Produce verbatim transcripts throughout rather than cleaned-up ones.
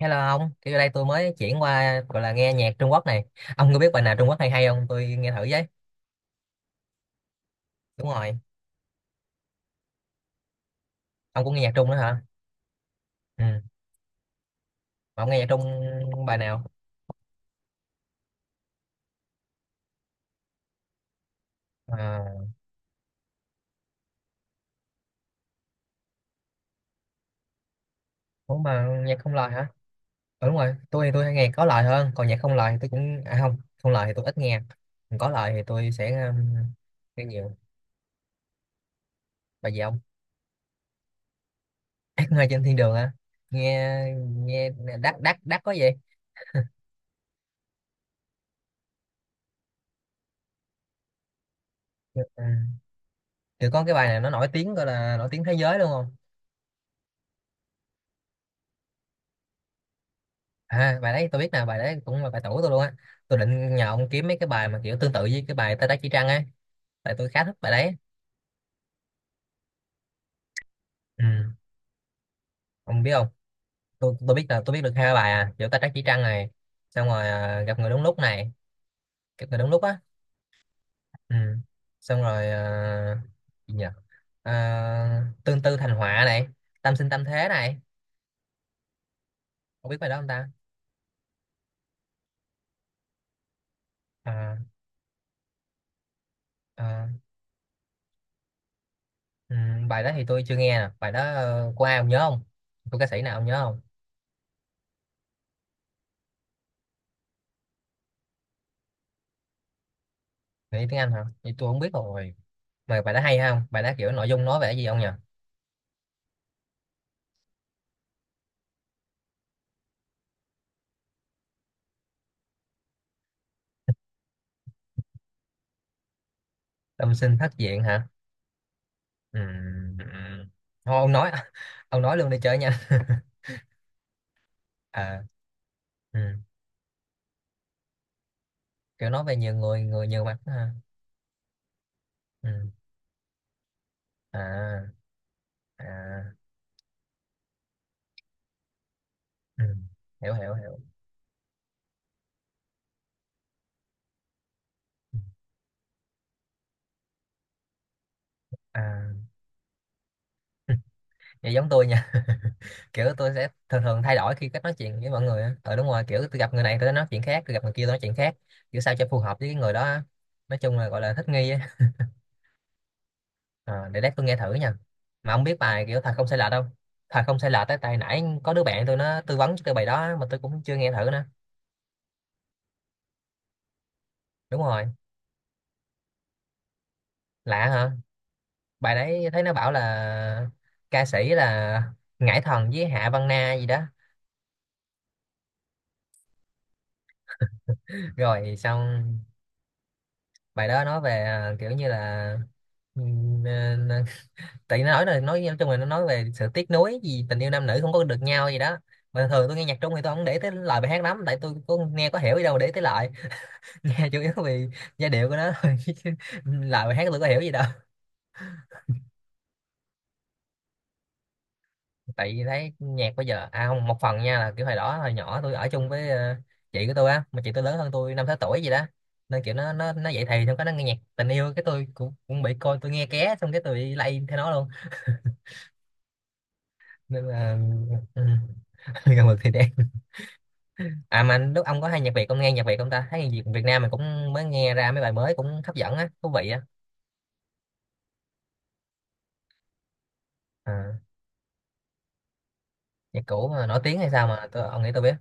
Hello ông, thì đây tôi mới chuyển qua gọi là nghe nhạc Trung Quốc này. Ông có biết bài nào Trung Quốc hay hay không? Tôi nghe thử với. Đúng rồi, ông cũng nghe nhạc Trung nữa hả? Ừ. Mà ông nghe nhạc Trung bài nào? À, cũng mà nhạc không lời hả? Ừ, đúng rồi, tôi thì tôi hay nghe có lời hơn, còn nhạc không lời thì tôi cũng à không, không lời thì tôi ít nghe. Còn có lời thì tôi sẽ um, nghe nhiều. Bài gì ông? Ác mơ trên thiên đường hả? Nghe nghe đắt đắt đắt có gì? Ừ. Thì có cái bài này nó nổi tiếng gọi là nổi tiếng thế giới luôn không? À, bài đấy tôi biết nè, bài đấy cũng là bài tủ tôi luôn á, tôi định nhờ ông kiếm mấy cái bài mà kiểu tương tự với cái bài Tay Trái Chỉ Trăng ấy, tại tôi khá thích bài đấy. Ừ, ông biết không, tôi tôi biết là tôi biết được hai bài à kiểu Tay Trái Chỉ Trăng này, xong rồi à, gặp người đúng lúc này, gặp người đúng lúc á. Ừ, xong rồi à, gì nhỉ, à, tương tư thành họa này, tâm sinh tâm thế này, không biết bài đó không ta. À, à, ừ, bài đó thì tôi chưa nghe nè, bài đó ờ, của ai ông nhớ không? Của ca sĩ nào ông nhớ không? Nghĩ tiếng Anh hả? Vậy tôi không biết rồi. Mà bài đó hay không? Bài đó kiểu nội dung nói về cái gì không nhỉ? Tâm sinh thất diện hả? Ừm, ừm. Thôi ông nói, ông nói luôn đi chơi nha. À, ừ. Kiểu nói về nhiều người, người nhiều mặt ha. Ừ. À, à, ừ. Hiểu hiểu hiểu. À, vậy giống tôi nha. Kiểu tôi sẽ thường thường thay đổi khi cách nói chuyện với mọi người á. Ờ đúng rồi, kiểu tôi gặp người này tôi nói chuyện khác, tôi gặp người kia tôi nói chuyện khác. Kiểu sao cho phù hợp với cái người đó á. Nói chung là gọi là thích nghi á. Ờ, để lát tôi nghe thử nha, mà ông biết bài kiểu thật không sai lệch không? Thật không sai lệch, tới tay nãy có đứa bạn tôi nó tư vấn cho tôi bài đó mà tôi cũng chưa nghe thử nữa. Đúng rồi. Lạ hả? Bài đấy thấy nó bảo là ca sĩ là Ngải Thần với Hạ Văn Na gì đó. Rồi xong, bài đó nói về à, kiểu như là, ừm, ờ, tại nó nói là nói nói chung là nó nói về sự tiếc nuối gì tình yêu nam nữ không có được nhau gì đó. Mà thường tôi nghe nhạc Trung thì tôi không để tới lời bài hát lắm, tại tôi cũng nghe có hiểu gì đâu mà để tới lời. Nghe chủ yếu vì giai điệu của nó thôi, chứ lời hát tôi có hiểu gì đâu. Tại vì thấy nhạc bây giờ à không, một phần nha là kiểu hồi đó hồi nhỏ tôi ở chung với ờ, chị của tôi á, mà chị tôi lớn hơn tôi năm sáu tuổi gì đó, nên kiểu nó nó nó dậy thì xong cái nó nghe nhạc tình yêu, cái tôi cũng cũng bị coi, tôi nghe ké xong cái tôi bị lay theo nó luôn. Nên là ừ, gần mực thì đen. À mà lúc ông có hay nhạc Việt, ông nghe nhạc Việt không ta? Thấy nhạc Việt Việt Nam mình cũng mới nghe ra mấy bài mới cũng hấp dẫn á, thú vị á. À, nhạc cũ mà nổi tiếng hay sao mà tôi ông nghĩ tôi biết?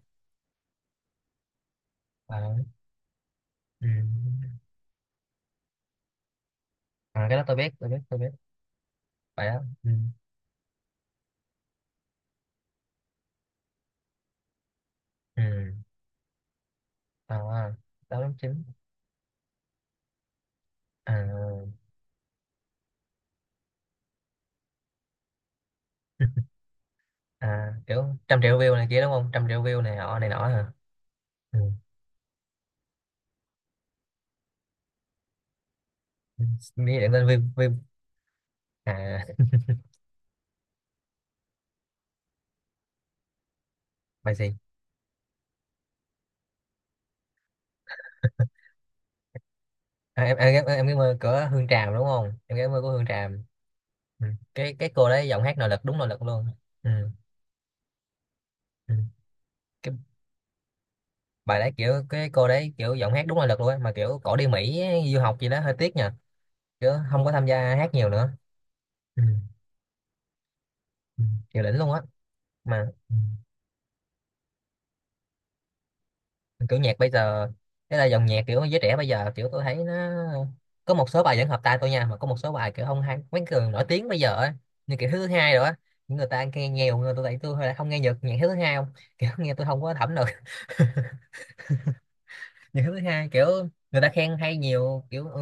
Ờ, ừ. À, cái đó tôi biết tôi biết tôi biết, phải đó ừ. Ừ. À, đó đúng chính. À, à, kiểu trăm triệu view này kia đúng không, trăm triệu view này nọ này nọ hả? Ừ. Ừ. Nghĩ đến view view. À bài gì? À, em, em, em, em cái mơ của Hương Tràm đúng không, em cái mơ của Hương Tràm. Ừ. cái cái cô đấy giọng hát nội lực, đúng nội lực luôn. Ừ. Ừ. Cái bài đấy, kiểu cái cô đấy kiểu giọng hát đúng nội lực luôn á, mà kiểu cổ đi Mỹ du học gì đó, hơi tiếc nha, kiểu không có tham gia hát nhiều nữa. Ừ. Ừ. Kiểu đỉnh luôn á. Mà ừ, kiểu nhạc bây giờ, thế là dòng nhạc kiểu giới trẻ bây giờ kiểu tôi thấy nó có một số bài vẫn hợp tai tôi nha, mà có một số bài kiểu không hay. Mấy người nổi tiếng bây giờ á như kiểu thứ hai rồi á, những người ta nghe nhiều người tôi, tại tôi lại không nghe nhạc nhạc thứ hai không. Kiểu nghe tôi không có thẩm được. Nhạc thứ hai kiểu người ta khen hay nhiều, kiểu ừ,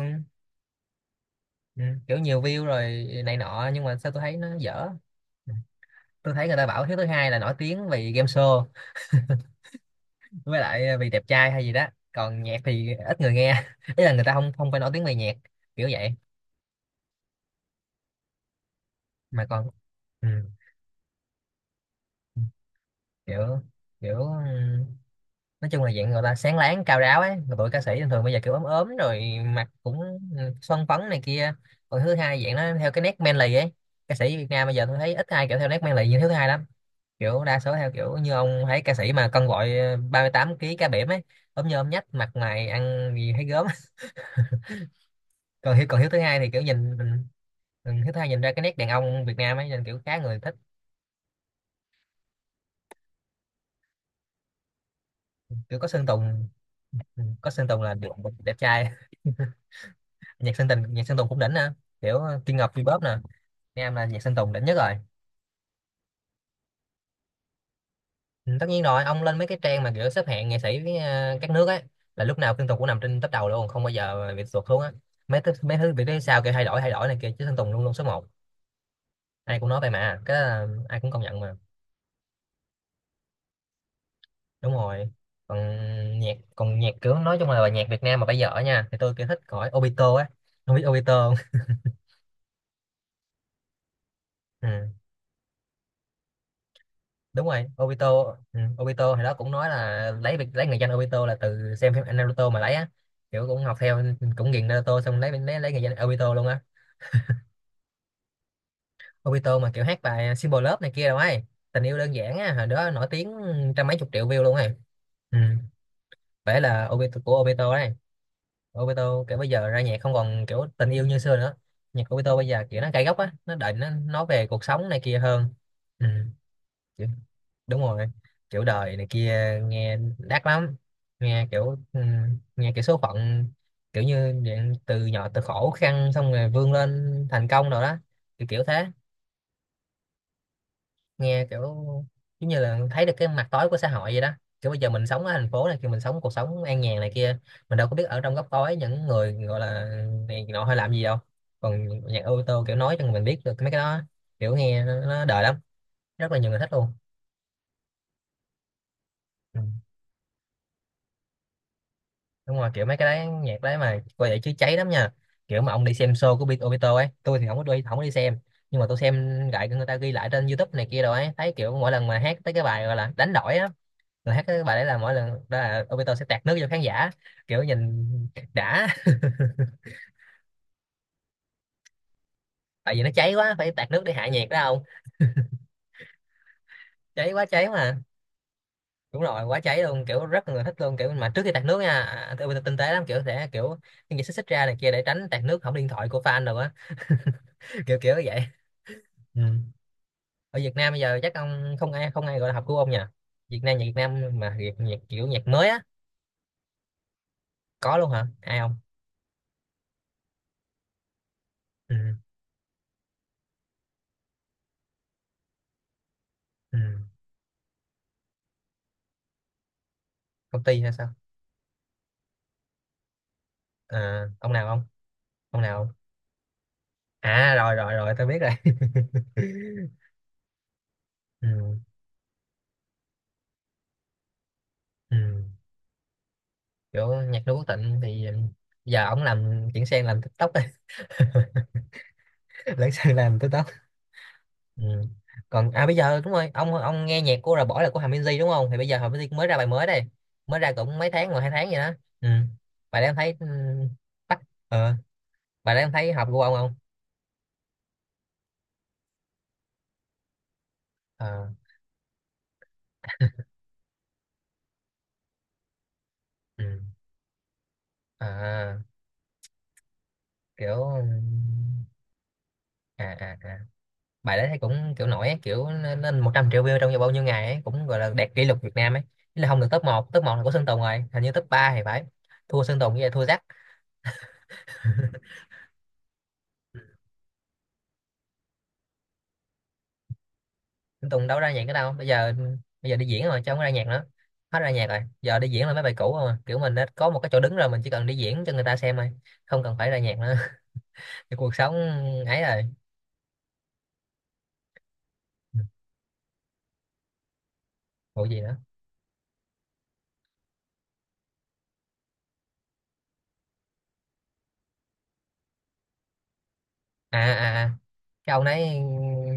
ừ, kiểu nhiều view rồi này nọ nhưng mà sao tôi thấy nó dở. Ừ, tôi thấy người ta bảo hiếu thứ hai là nổi tiếng vì game show, với lại ờ, vì đẹp trai hay gì đó, còn nhạc thì ít người nghe, ý là người ta không không phải nổi tiếng về nhạc, kiểu vậy. Mà còn ừ, kiểu kiểu ừm, nói chung là dạng người ta sáng láng cao ráo ấy, mà tụi ca sĩ thường thường bây giờ kiểu ốm ốm rồi, mặt cũng ừ, son phấn này kia. Còn thứ hai dạng nó theo cái nét manly ấy, ca sĩ Việt Nam bây giờ tôi thấy ít ai kiểu theo nét manly như thứ hai lắm, kiểu đa số theo kiểu như ông thấy ca sĩ mà cân gọi ba mươi tám ký cá biển ấy, ốm như ốm nhách, mặt mày ăn gì thấy gớm. Còn hiếu còn hiếu thứ hai thì kiểu nhìn mình ừ, hiếu thứ hai nhìn ra cái nét đàn ông Việt Nam ấy nên kiểu khá người thích. Kiểu có Sơn Tùng. Ừ, có Sơn Tùng là được, đẹp trai. Nhạc Sơn Tùng, nhạc Sơn Tùng cũng đỉnh nè, kiểu Kim Ngọc vê pop nè. Nam là nhạc Sơn Tùng đỉnh nhất rồi. Ừ, tất nhiên rồi, ông lên mấy cái trang mà kiểu xếp hạng nghệ sĩ với, ờ, các nước ấy, là lúc nào Sơn Tùng cũng nằm trên top đầu luôn, không bao giờ bị tụt xuống á. Mấy thứ mấy thứ bị phía sau kiểu thay đổi thay đổi này kia chứ Sơn Tùng luôn luôn số một. Ai cũng nói vậy mà, cái đó là ai cũng công nhận mà. Đúng rồi. Còn nhạc còn nhạc kiểu nói chung là nhạc Việt Nam mà bây giờ á nha thì tôi kiểu thích khỏi Obito á. Không biết Obito không? Ừ. Đúng rồi Obito. Ừ. Obito thì đó cũng nói là lấy việc lấy người danh Obito là từ xem phim Naruto mà lấy á, kiểu cũng học theo, cũng nghiền Naruto xong lấy lấy lấy người danh Obito luôn á. Obito mà kiểu hát bài Simple Love này kia đâu ấy, tình yêu đơn giản á, hồi đó nổi tiếng trăm mấy chục triệu view luôn ấy. Ừ. Phải là Obito, của Obito đấy. Obito kiểu bây giờ ra nhạc không còn kiểu tình yêu như xưa nữa, nhạc của Obito bây giờ kiểu nó cay góc á, nó định nó nói về cuộc sống này kia hơn. Ừ. Kiểu- đúng rồi, kiểu đời này kia, nghe đắt lắm. Nghe kiểu ừ, nghe kiểu số phận, kiểu như dạng từ nhỏ từ khổ khăn xong rồi vươn lên thành công rồi đó, kiểu kiểu thế. Nghe kiểu giống như là thấy được cái mặt tối của xã hội vậy đó, kiểu bây giờ mình sống ở thành phố này kia, mình sống cuộc sống an nhàn này kia, mình đâu có biết ở trong góc tối những người gọi là này nọ hay làm gì đâu. Còn nhạc ô tô kiểu nói cho mình biết được mấy cái đó, kiểu nghe nó, nó đời lắm. Rất là nhiều người thích luôn. Ừ. Đúng rồi, kiểu mấy cái đấy nhạc đấy mà coi vậy chứ cháy lắm nha, kiểu mà ông đi xem show của Bi- Obito ấy, tôi thì không có đi, không có đi xem, nhưng mà tôi xem lại người ta ghi lại trên diu túp này kia rồi ấy, thấy kiểu mỗi lần mà hát tới cái bài gọi là đánh đổi á, rồi hát cái bài đấy là mỗi lần đó là Obito sẽ tạt nước cho khán giả, kiểu nhìn đã. Tại vì nó cháy quá phải tạt nước để hạ nhiệt đó không, cháy quá cháy mà. Đúng rồi, quá cháy luôn kiểu rất là người thích luôn, kiểu mà trước khi tạt nước nha, à, à, Obito tinh tế lắm, kiểu sẽ kiểu những như xích xích ra này kia để tránh tạt nước hỏng điện thoại của fan rồi á. Kiểu kiểu vậy. Ừ. Ở Việt Nam bây giờ chắc ông không ai, không ai gọi là học của ông nhỉ? Việt Nam, nhạc Việt Nam mà Việt nhạc kiểu nhạc mới á. Có luôn hả ai không? Ừ. Ừ. Công ty hay sao? À, ông nào không? Ông nào? À rồi rồi rồi tôi biết rồi. Ừ, ừ. Kiểu nhạc Noo Quốc Tịnh thì giờ ổng làm chuyển sang làm tích tóc rồi. Lấn sang làm tích tóc. Ừ. Còn à bây giờ đúng rồi, ông ông nghe nhạc của Rà Bỏ là của Hà Minzy đúng không, thì bây giờ Hà Minzy cũng mới ra bài mới đây, mới ra cũng mấy tháng rồi, hai tháng vậy đó. Ừ. Bài đó em thấy ừ, bắt ờ, bài đó em thấy hợp của ông không? Ờ ừ. À kiểu ừ, à à à, bài đấy thấy cũng kiểu nổi ấy, kiểu lên một trăm triệu view trong vòng bao nhiêu ngày ấy, cũng gọi là đạt kỷ lục Việt Nam ấy. Ý là không được top một, top một là của Sơn Tùng rồi, hình như top ba thì phải, thua Sơn Tùng với lại thua Jack. Sơn Tùng đâu ra nhạc nữa đâu bây giờ, bây giờ đi diễn rồi chứ không có ra nhạc nữa. Hết ra nhạc rồi, giờ đi diễn là mấy bài cũ rồi, kiểu mình đã có một cái chỗ đứng rồi mình chỉ cần đi diễn cho người ta xem thôi, không cần phải ra nhạc nữa. Cái cuộc sống ấy rồi. Vụ gì nữa? À à à, cái ông đấy,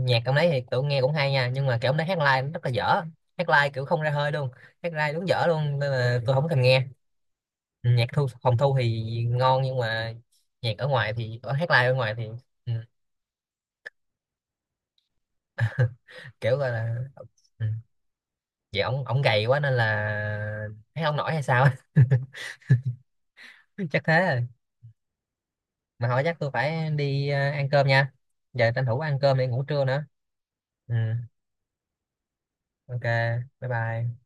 nhạc ông đấy thì tụi nghe cũng hay nha nhưng mà kiểu ông đấy hát live nó rất là dở, hát live kiểu không ra hơi luôn, hát live đúng dở luôn nên là tôi không thèm nghe. Ừ, nhạc thu phòng thu thì ngon nhưng mà nhạc ở ngoài thì ở hát live ở ngoài thì ừ, kiểu gọi là ừ, vậy ông ông gầy quá nên là hát không nổi hay sao á. Chắc thế rồi. Mà hỏi chắc tôi phải đi ờ, ăn cơm nha, giờ tranh thủ ăn cơm để ngủ trưa nữa. Ừ, ok, bye bye.